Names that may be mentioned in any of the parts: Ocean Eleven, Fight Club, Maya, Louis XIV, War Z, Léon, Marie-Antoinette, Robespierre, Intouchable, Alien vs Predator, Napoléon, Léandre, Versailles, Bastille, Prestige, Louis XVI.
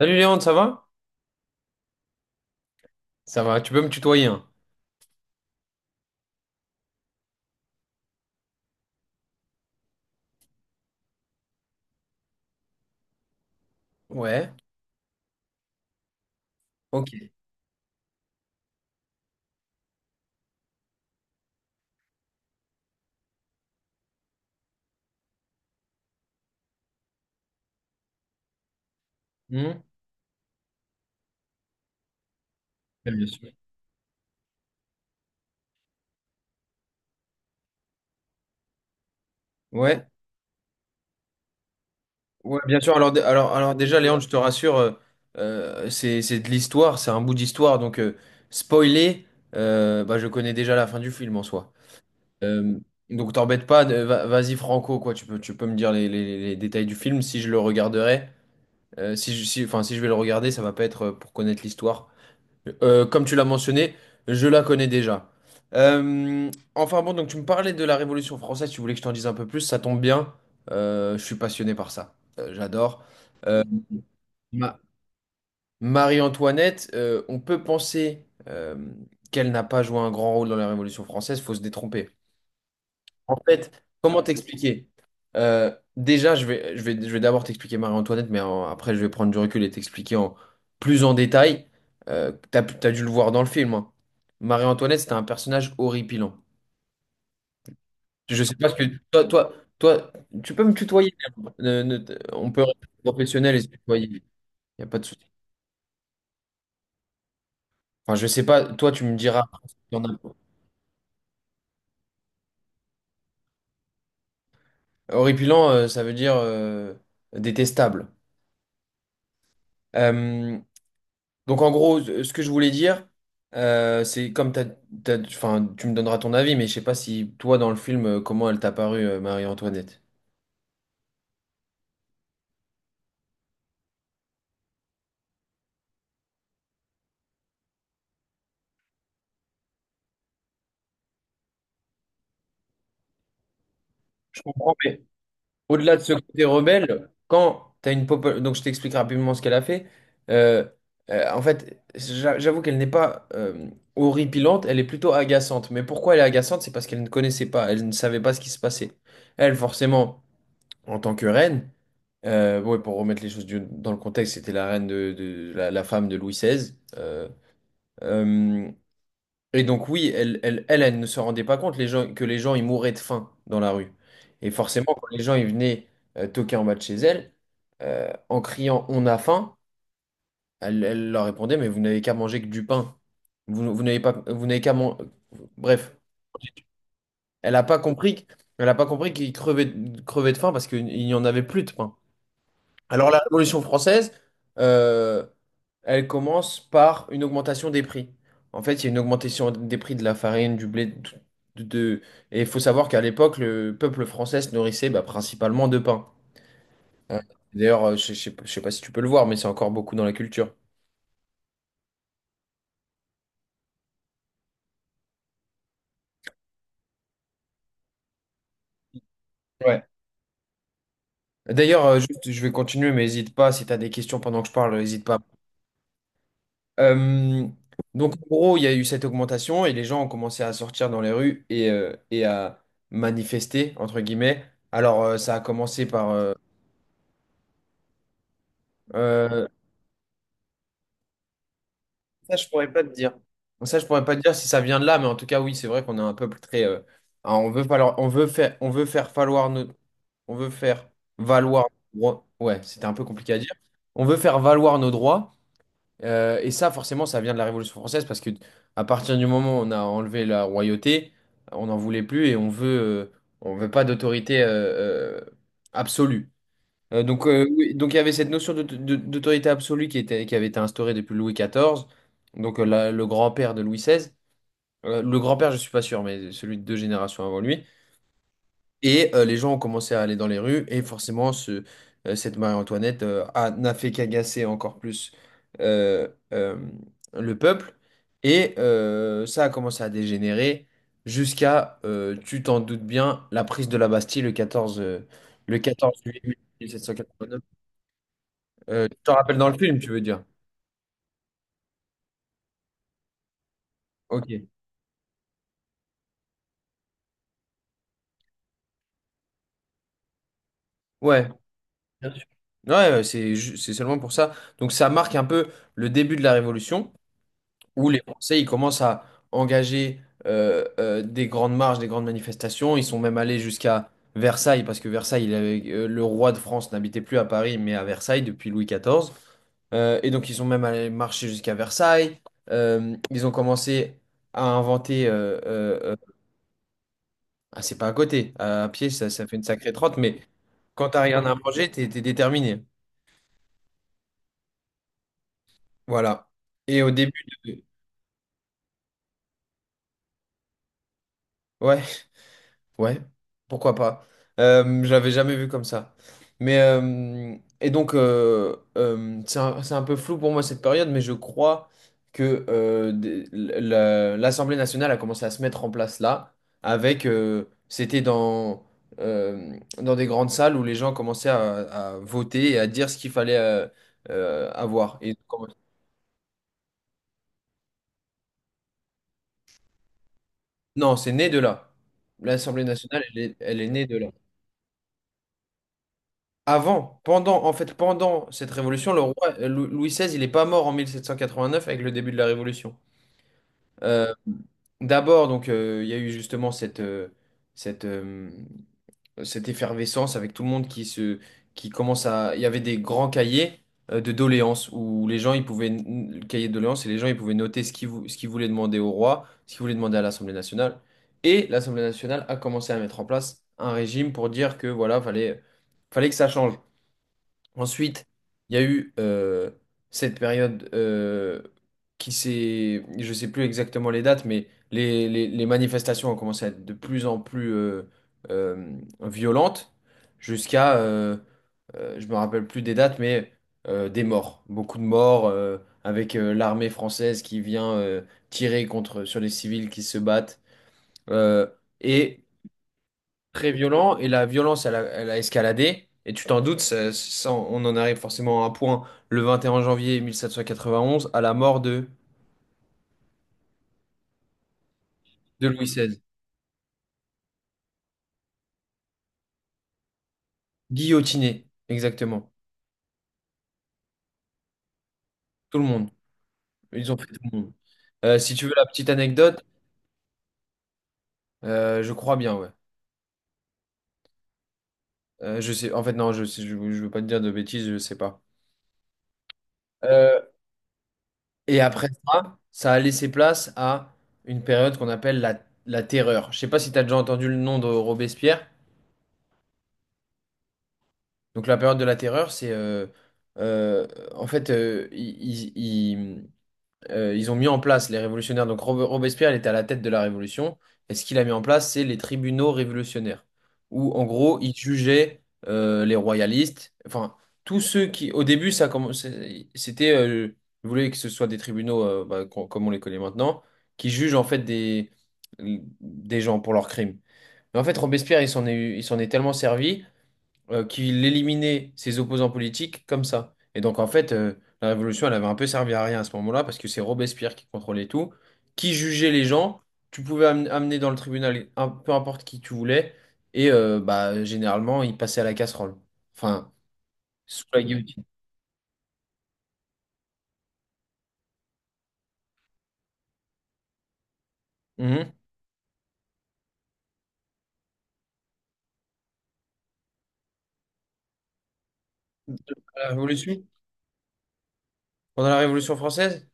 Salut Léon, ça va? Ça va, tu peux me tutoyer, hein. Ouais, ok. Hmm. Bien sûr. Ouais, ouais, bien sûr. Alors, déjà, Léon, je te rassure, c'est de l'histoire, c'est un bout d'histoire. Donc, spoiler, bah, je connais déjà la fin du film en soi. Euh, donc, t'embête pas, vas-y franco, quoi. Tu peux me dire les détails du film si je le regarderai. Si je vais le regarder, ça va pas être pour connaître l'histoire. Comme tu l'as mentionné, je la connais déjà. Euh, enfin bon, donc tu me parlais de la Révolution française, tu voulais que je t'en dise un peu plus, ça tombe bien. Je suis passionné par ça. J'adore. Ma- Marie-Antoinette, on peut penser qu'elle n'a pas joué un grand rôle dans la Révolution française, faut se détromper. En fait, comment t'expliquer? Déjà, je vais d'abord t'expliquer Marie-Antoinette, mais après, je vais prendre du recul et t'expliquer en plus en détail. T'as dû le voir dans le film, hein. Marie-Antoinette, c'était un personnage horripilant. Je sais pas ce que toi, toi, toi, tu peux me tutoyer. Ne- ne- on peut rester professionnel et se tutoyer. Il n'y a pas de souci. Enfin, je sais pas. Toi, tu me diras. Horripilant, ça veut dire détestable. Euh, Donc en gros, ce que je voulais dire, c'est comme enfin, tu me donneras ton avis, mais je sais pas si toi dans le film, comment elle t'a paru, Marie-Antoinette. Je comprends, mais au-delà de ce côté rebelle, quand t'as une pop, donc je t'explique rapidement ce qu'elle a fait. Euh, en fait, j'avoue qu'elle n'est pas horripilante, elle est plutôt agaçante. Mais pourquoi elle est agaçante? C'est parce qu'elle ne connaissait pas, elle ne savait pas ce qui se passait. Elle, forcément, en tant que reine. Ouais, pour remettre les choses dans le contexte, c'était la reine la femme de Louis XVI. Euh, et donc oui, elle ne se rendait pas compte les gens, que les gens ils mouraient de faim dans la rue. Et forcément, quand les gens ils venaient toquer en bas de chez elle, en criant «On a faim», elle leur répondait «Mais vous n'avez qu'à manger que du pain. Vous n'avez pas, vous n'avez qu'à manger...» Bref, elle n'a pas compris, elle a pas compris qu'ils crevaient, crevaient de faim parce qu'il n'y en avait plus de pain. Alors la Révolution française, euh, elle commence par une augmentation des prix. En fait, il y a une augmentation des prix de la farine, du blé, de, tout- de- et il faut savoir qu'à l'époque, le peuple français se nourrissait bah, principalement de pain. Hein. D'ailleurs, je sais pas si tu peux le voir, mais c'est encore beaucoup dans la culture. Ouais. D'ailleurs, juste, je vais continuer, mais n'hésite pas, si tu as des questions pendant que je parle, n'hésite pas. Euh, donc en gros, il y a eu cette augmentation et les gens ont commencé à sortir dans les rues et à manifester, entre guillemets. Alors, ça a commencé par... euh, ça, je pourrais pas te dire. Ça, je pourrais pas te dire si ça vient de là, mais en tout cas, oui, c'est vrai qu'on a un peuple très... ah, on veut faire valoir nos, on veut faire valoir. Nos droits. Ouais, c'était un peu compliqué à dire. On veut faire valoir nos droits. Et ça, forcément, ça vient de la Révolution française parce que à partir du moment où on a enlevé la royauté, on n'en voulait plus et on veut pas d'autorité absolue. Donc, oui, donc il y avait cette notion d'autorité absolue qui était, qui avait été instaurée depuis Louis XIV, donc le grand-père de Louis XVI. Le grand-père, je suis pas sûr, mais celui de deux générations avant lui. Et les gens ont commencé à aller dans les rues, et forcément, cette Marie-Antoinette n'a fait qu'agacer encore plus euh, euh, le peuple. Et ça a commencé à dégénérer jusqu'à, tu t'en doutes bien, la prise de la Bastille le 14 juillet 1789. Tu t'en rappelles dans le film, tu veux dire? Ok. Ouais, ouais, ouais, c'est seulement pour ça. Donc ça marque un peu le début de la Révolution, où les Français ils commencent à engager des grandes marches, des grandes manifestations. Ils sont même allés jusqu'à Versailles, parce que Versailles, le roi de France n'habitait plus à Paris, mais à Versailles depuis Louis XIV. Et donc ils sont même allés marcher jusqu'à Versailles. Ils ont commencé à inventer... ah, c'est pas à côté, à pied, ça fait une sacrée trotte, mais quand t'as rien à manger, t'es déterminé. Voilà. Et au début de... Ouais. Ouais, pourquoi pas. Je l'avais jamais vu comme ça. Mais et donc c'est un peu flou pour moi cette période, mais je crois que l'Assemblée nationale a commencé à se mettre en place là, avec c'était dans dans des grandes salles où les gens commençaient à voter et à dire ce qu'il fallait avoir. Et non, c'est né de là. L'Assemblée nationale, elle est née de là. Avant, en fait, pendant cette révolution, le roi Louis XVI, il n'est pas mort en 1789 avec le début de la révolution. Euh, d'abord, donc, il y a eu justement cette, euh, cette effervescence avec tout le monde qui commence à. Il y avait des grands cahiers de doléances où les gens, ils pouvaient le cahier de doléances et les gens, ils pouvaient noter ce qu'ils voulaient demander au roi, ce qu'ils voulaient demander à l'Assemblée nationale. Et l'Assemblée nationale a commencé à mettre en place un régime pour dire que voilà, fallait que ça change. Ensuite, il y a eu cette période qui s'est, je sais plus exactement les dates, mais les manifestations ont commencé à être de plus en plus violentes, jusqu'à, euh, je me rappelle plus des dates, mais des morts, beaucoup de morts, avec l'armée française qui vient tirer contre sur les civils qui se battent. Euh, et très violent et la violence, elle a escaladé. Et tu t'en doutes, on en arrive forcément à un point le 21 janvier 1791 à la mort de Louis XVI. Guillotiné, exactement. Tout le monde. Ils ont fait tout le monde. Si tu veux la petite anecdote, je crois bien, ouais. Je sais, en fait, non, je veux pas te dire de bêtises, je sais pas. Euh, et après ça, ça a laissé place à une période qu'on appelle la terreur. Je sais pas si tu as déjà entendu le nom de Robespierre. Donc la période de la terreur, c'est euh, en fait ils ont mis en place les révolutionnaires. Donc Robespierre, il était à la tête de la révolution. Et ce qu'il a mis en place, c'est les tribunaux révolutionnaires, où en gros ils jugeaient les royalistes. Enfin tous ceux qui, au début, ça commençait, ils voulaient que ce soit des tribunaux bah, comme on les connaît maintenant, qui jugent en fait des gens pour leurs crimes. Mais en fait Robespierre, il s'en est tellement servi qu'il éliminait ses opposants politiques comme ça. Et donc, en fait, la Révolution, elle avait un peu servi à rien à ce moment-là, parce que c'est Robespierre qui contrôlait tout, qui jugeait les gens. Tu pouvais amener dans le tribunal un, peu importe qui tu voulais, et bah, généralement, il passait à la casserole. Enfin, sous la guillotine. Mhm. Pendant La Révolution, pendant la Révolution française?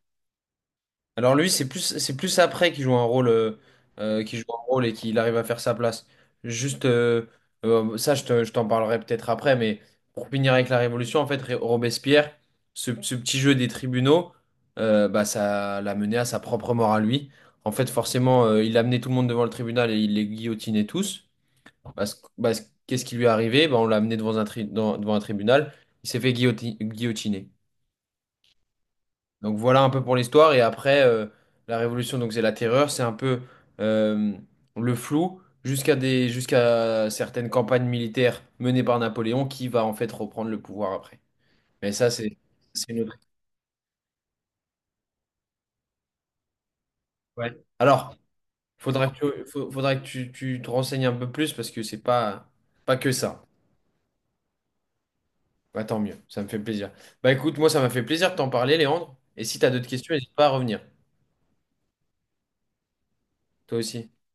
Alors lui, c'est plus après qu'il joue un rôle, qu'il joue un rôle et qu'il arrive à faire sa place. Juste, ça, je t'en parlerai peut-être après, mais pour finir avec la Révolution, en fait, Robespierre, ce petit jeu des tribunaux, bah, ça l'a mené à sa propre mort à lui. En fait, forcément, il a amené tout le monde devant le tribunal et il les guillotinait tous. Qu'est-ce qui lui est arrivé? Bah, on l'a amené devant un tribunal, il s'est fait guillotiner. Donc voilà un peu pour l'histoire. Et après, la Révolution, donc c'est la terreur, c'est un peu euh, le flou jusqu'à jusqu'à certaines campagnes militaires menées par Napoléon qui va en fait reprendre le pouvoir après. Mais ça, c'est une autre. Ouais. Alors, faudra que, faudra que tu te renseignes un peu plus parce que c'est pas, pas que ça. Bah, tant mieux, ça me fait plaisir. Bah écoute, moi ça m'a fait plaisir de t'en parler, Léandre. Et si tu as d'autres questions, n'hésite pas à revenir. Toi aussi.